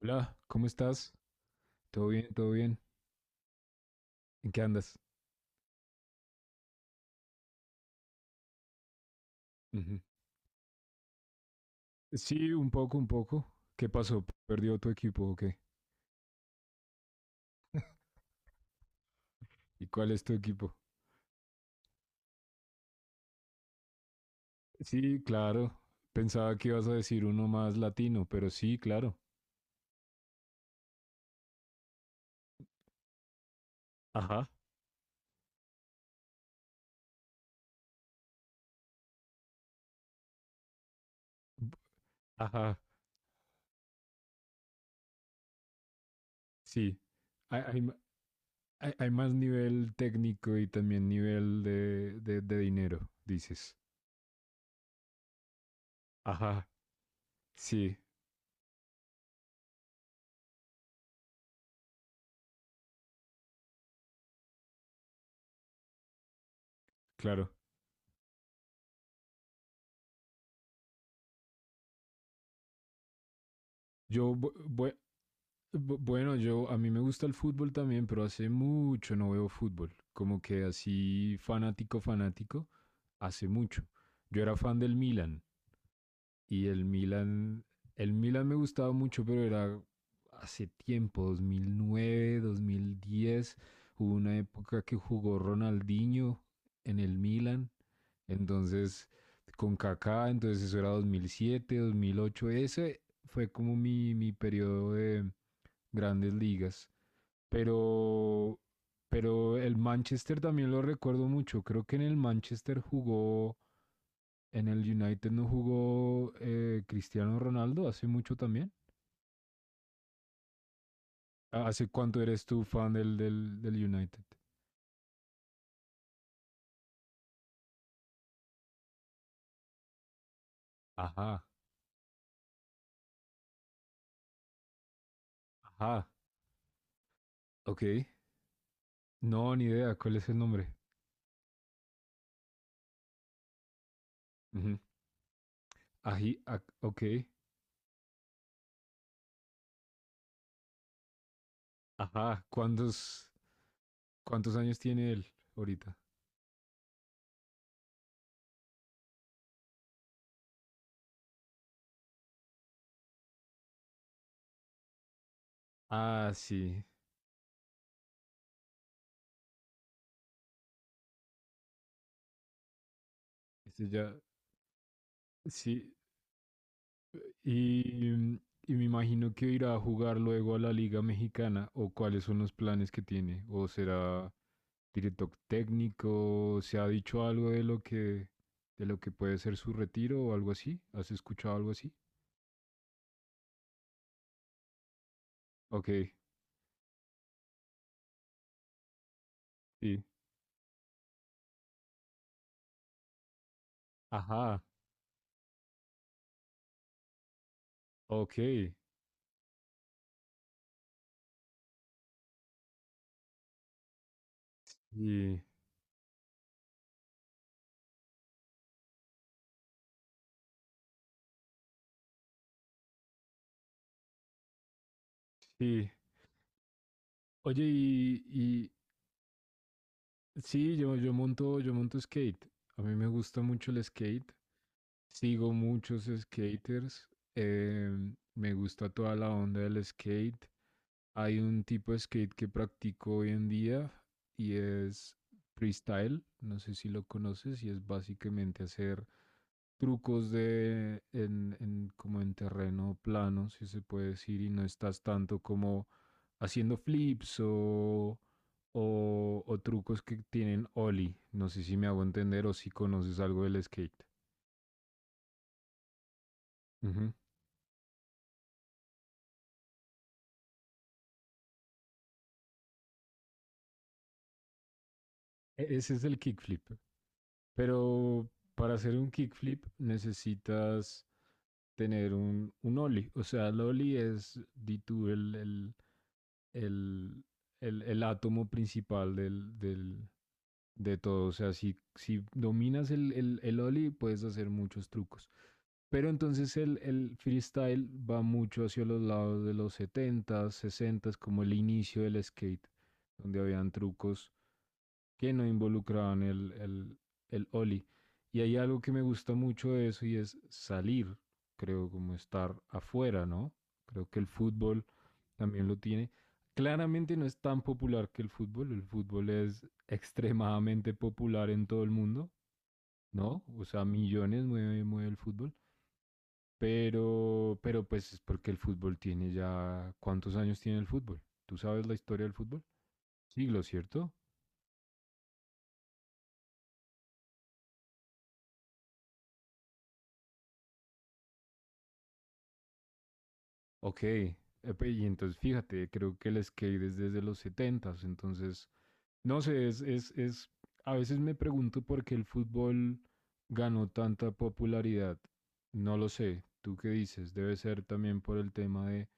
Hola, ¿cómo estás? ¿Todo bien? ¿Todo bien? ¿En qué andas? Ujú. Sí, un poco, un poco. ¿Qué pasó? ¿Perdió tu equipo o qué? ¿Y cuál es tu equipo? Sí, claro. Pensaba que ibas a decir uno más latino, pero sí, claro. Ajá, ajá, sí. Hay, hay más nivel técnico y también nivel de dinero, dices. Ajá, sí, claro. Yo vo- voy, Bueno, yo a mí me gusta el fútbol también, pero hace mucho no veo fútbol. Como que así fanático, fanático, hace mucho. Yo era fan del Milan y el Milan me gustaba mucho, pero era hace tiempo, 2009, 2010. Hubo una época que jugó Ronaldinho en el Milan, entonces con Kaká, entonces eso era 2007, 2008. Ese fue como mi periodo de grandes ligas. Pero, pero el Manchester también lo recuerdo mucho. Creo que en el Manchester jugó, en el United no jugó Cristiano Ronaldo hace mucho también. Ah, ¿hace cuánto eres tú fan del United? Ajá, ajá, ok. No, ni idea, ¿cuál es el nombre? Ujú. Ok, ajá. ¿Cuántos años tiene él ahorita? Ah, sí, ese ya, sí. Y, y me imagino que irá a jugar luego a la Liga Mexicana o cuáles son los planes que tiene. O será director técnico, ¿se ha dicho algo de lo que puede ser su retiro o algo así? ¿Has escuchado algo así? Ok, sí. Ajá, ok. Y sí. Oye, y sí, yo monto skate. A mí me gusta mucho el skate. Sigo muchos skaters. Me gusta toda la onda del skate. Hay un tipo de skate que practico hoy en día y es freestyle. No sé si lo conoces y es básicamente hacer trucos como en terreno plano, si se puede decir, y no estás tanto como haciendo o trucos que tienen ollie. No sé si me hago entender o si conoces algo del skate. Ujú. Ese es el kickflip. Pero para hacer un kickflip necesitas tener un ollie. O sea, el ollie es, di tú, el, el átomo principal de todo. O sea, si, si dominas el ollie, puedes hacer muchos trucos. Pero entonces el freestyle va mucho hacia los lados de los setentas, sesentas, como el inicio del skate, donde habían trucos que no involucraban el Oli. Y hay algo que me gusta mucho de eso y es salir, creo, como estar afuera, ¿no? Creo que el fútbol también lo tiene. Claramente no es tan popular que el fútbol es extremadamente popular en todo el mundo, ¿no? O sea, millones mueve, mueve el fútbol, pero pues es porque el fútbol tiene ya... ¿Cuántos años tiene el fútbol? ¿Tú sabes la historia del fútbol? Siglos, ¿cierto? Ok, epe, y entonces fíjate, creo que el skate es desde los setentas, entonces, no sé, es, a veces me pregunto por qué el fútbol ganó tanta popularidad, no lo sé, ¿tú qué dices? Debe ser también por el tema de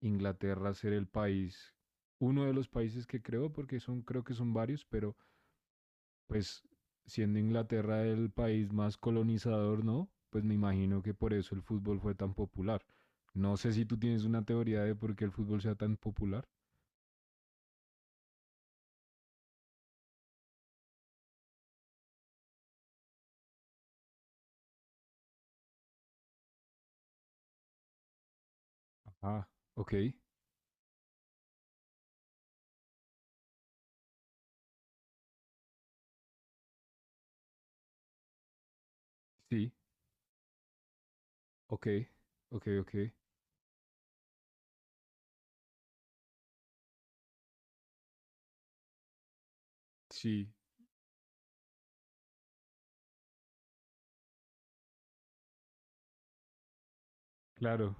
Inglaterra ser el país, uno de los países que creó, porque son, creo que son varios, pero pues siendo Inglaterra el país más colonizador, ¿no? Pues me imagino que por eso el fútbol fue tan popular. No sé si tú tienes una teoría de por qué el fútbol sea tan popular. Ah, ok, sí, ok, ok, ok. Sí, claro,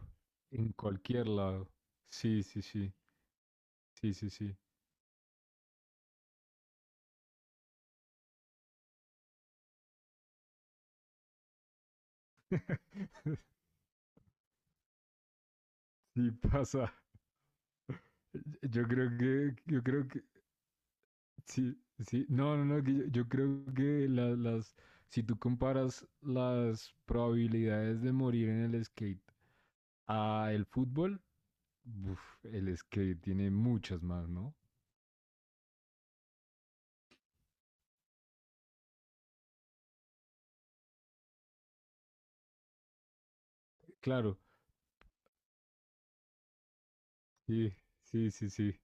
en cualquier lado. Sí, sí, sí, sí, sí, sí. Sí pasa. Yo creo que, yo creo que, Sí, sí, no, no, no, yo creo que las, si tú comparas las probabilidades de morir en el skate a el fútbol, uf, el skate tiene muchas más, ¿no? Claro, sí, sí, sí, sí,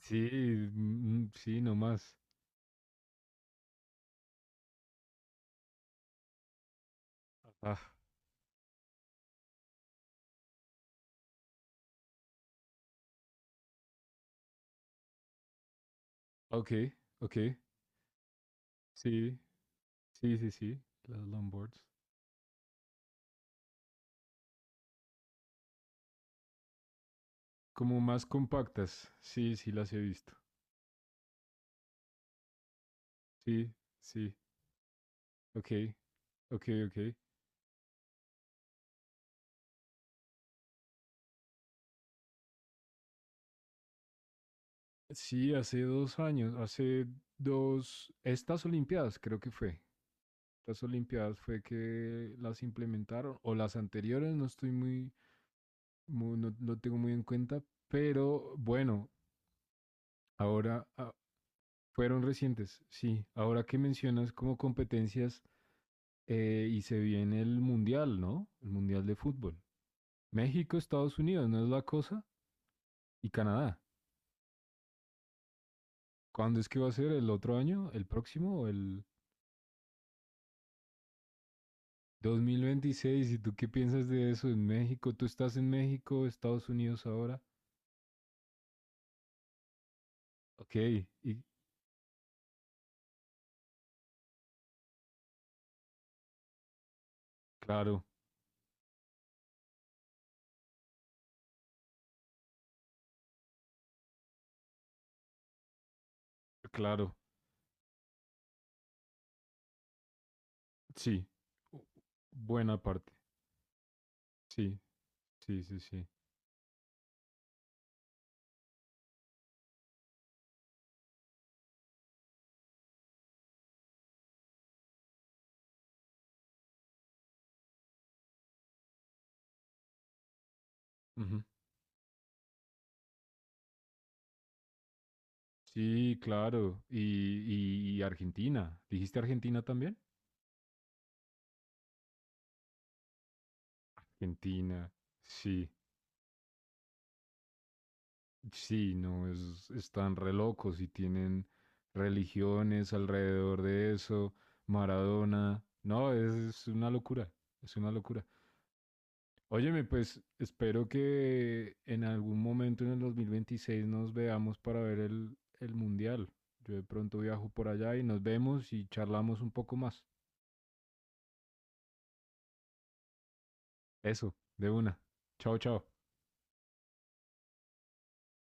sí, mm, sí, no más. Ah, ok, ok, sí, sí, sí, sí, las longboards. Como más compactas, sí, sí, las he visto, sí, sí, ok, ok, ok. Sí, hace dos años, hace dos, estas Olimpiadas creo que fue, estas Olimpiadas fue que las implementaron, o las anteriores, no estoy no lo tengo muy en cuenta, pero bueno, ahora ah, fueron recientes, sí, ahora que mencionas como competencias y se viene el Mundial, ¿no? El Mundial de Fútbol. México, Estados Unidos, ¿no es la cosa? Y Canadá. ¿Cuándo es que va a ser? ¿El otro año? ¿El próximo? ¿O el... 2026, ¿y tú qué piensas de eso en México? ¿Tú estás en México, Estados Unidos ahora? Ok, y claro, claro, sí. U- buena parte. Sí, sí, sí, sí. Ujú. Sí, claro. Y, y Argentina. ¿Dijiste Argentina también? Argentina, sí. Sí, no, es, están re locos y tienen religiones alrededor de eso. Maradona. No, es una locura. Es una locura. Óyeme, pues espero que en algún momento en el 2026 nos veamos para ver el mundial. Yo de pronto viajo por allá y nos vemos y charlamos un poco más. Eso, de una. Chao, chao.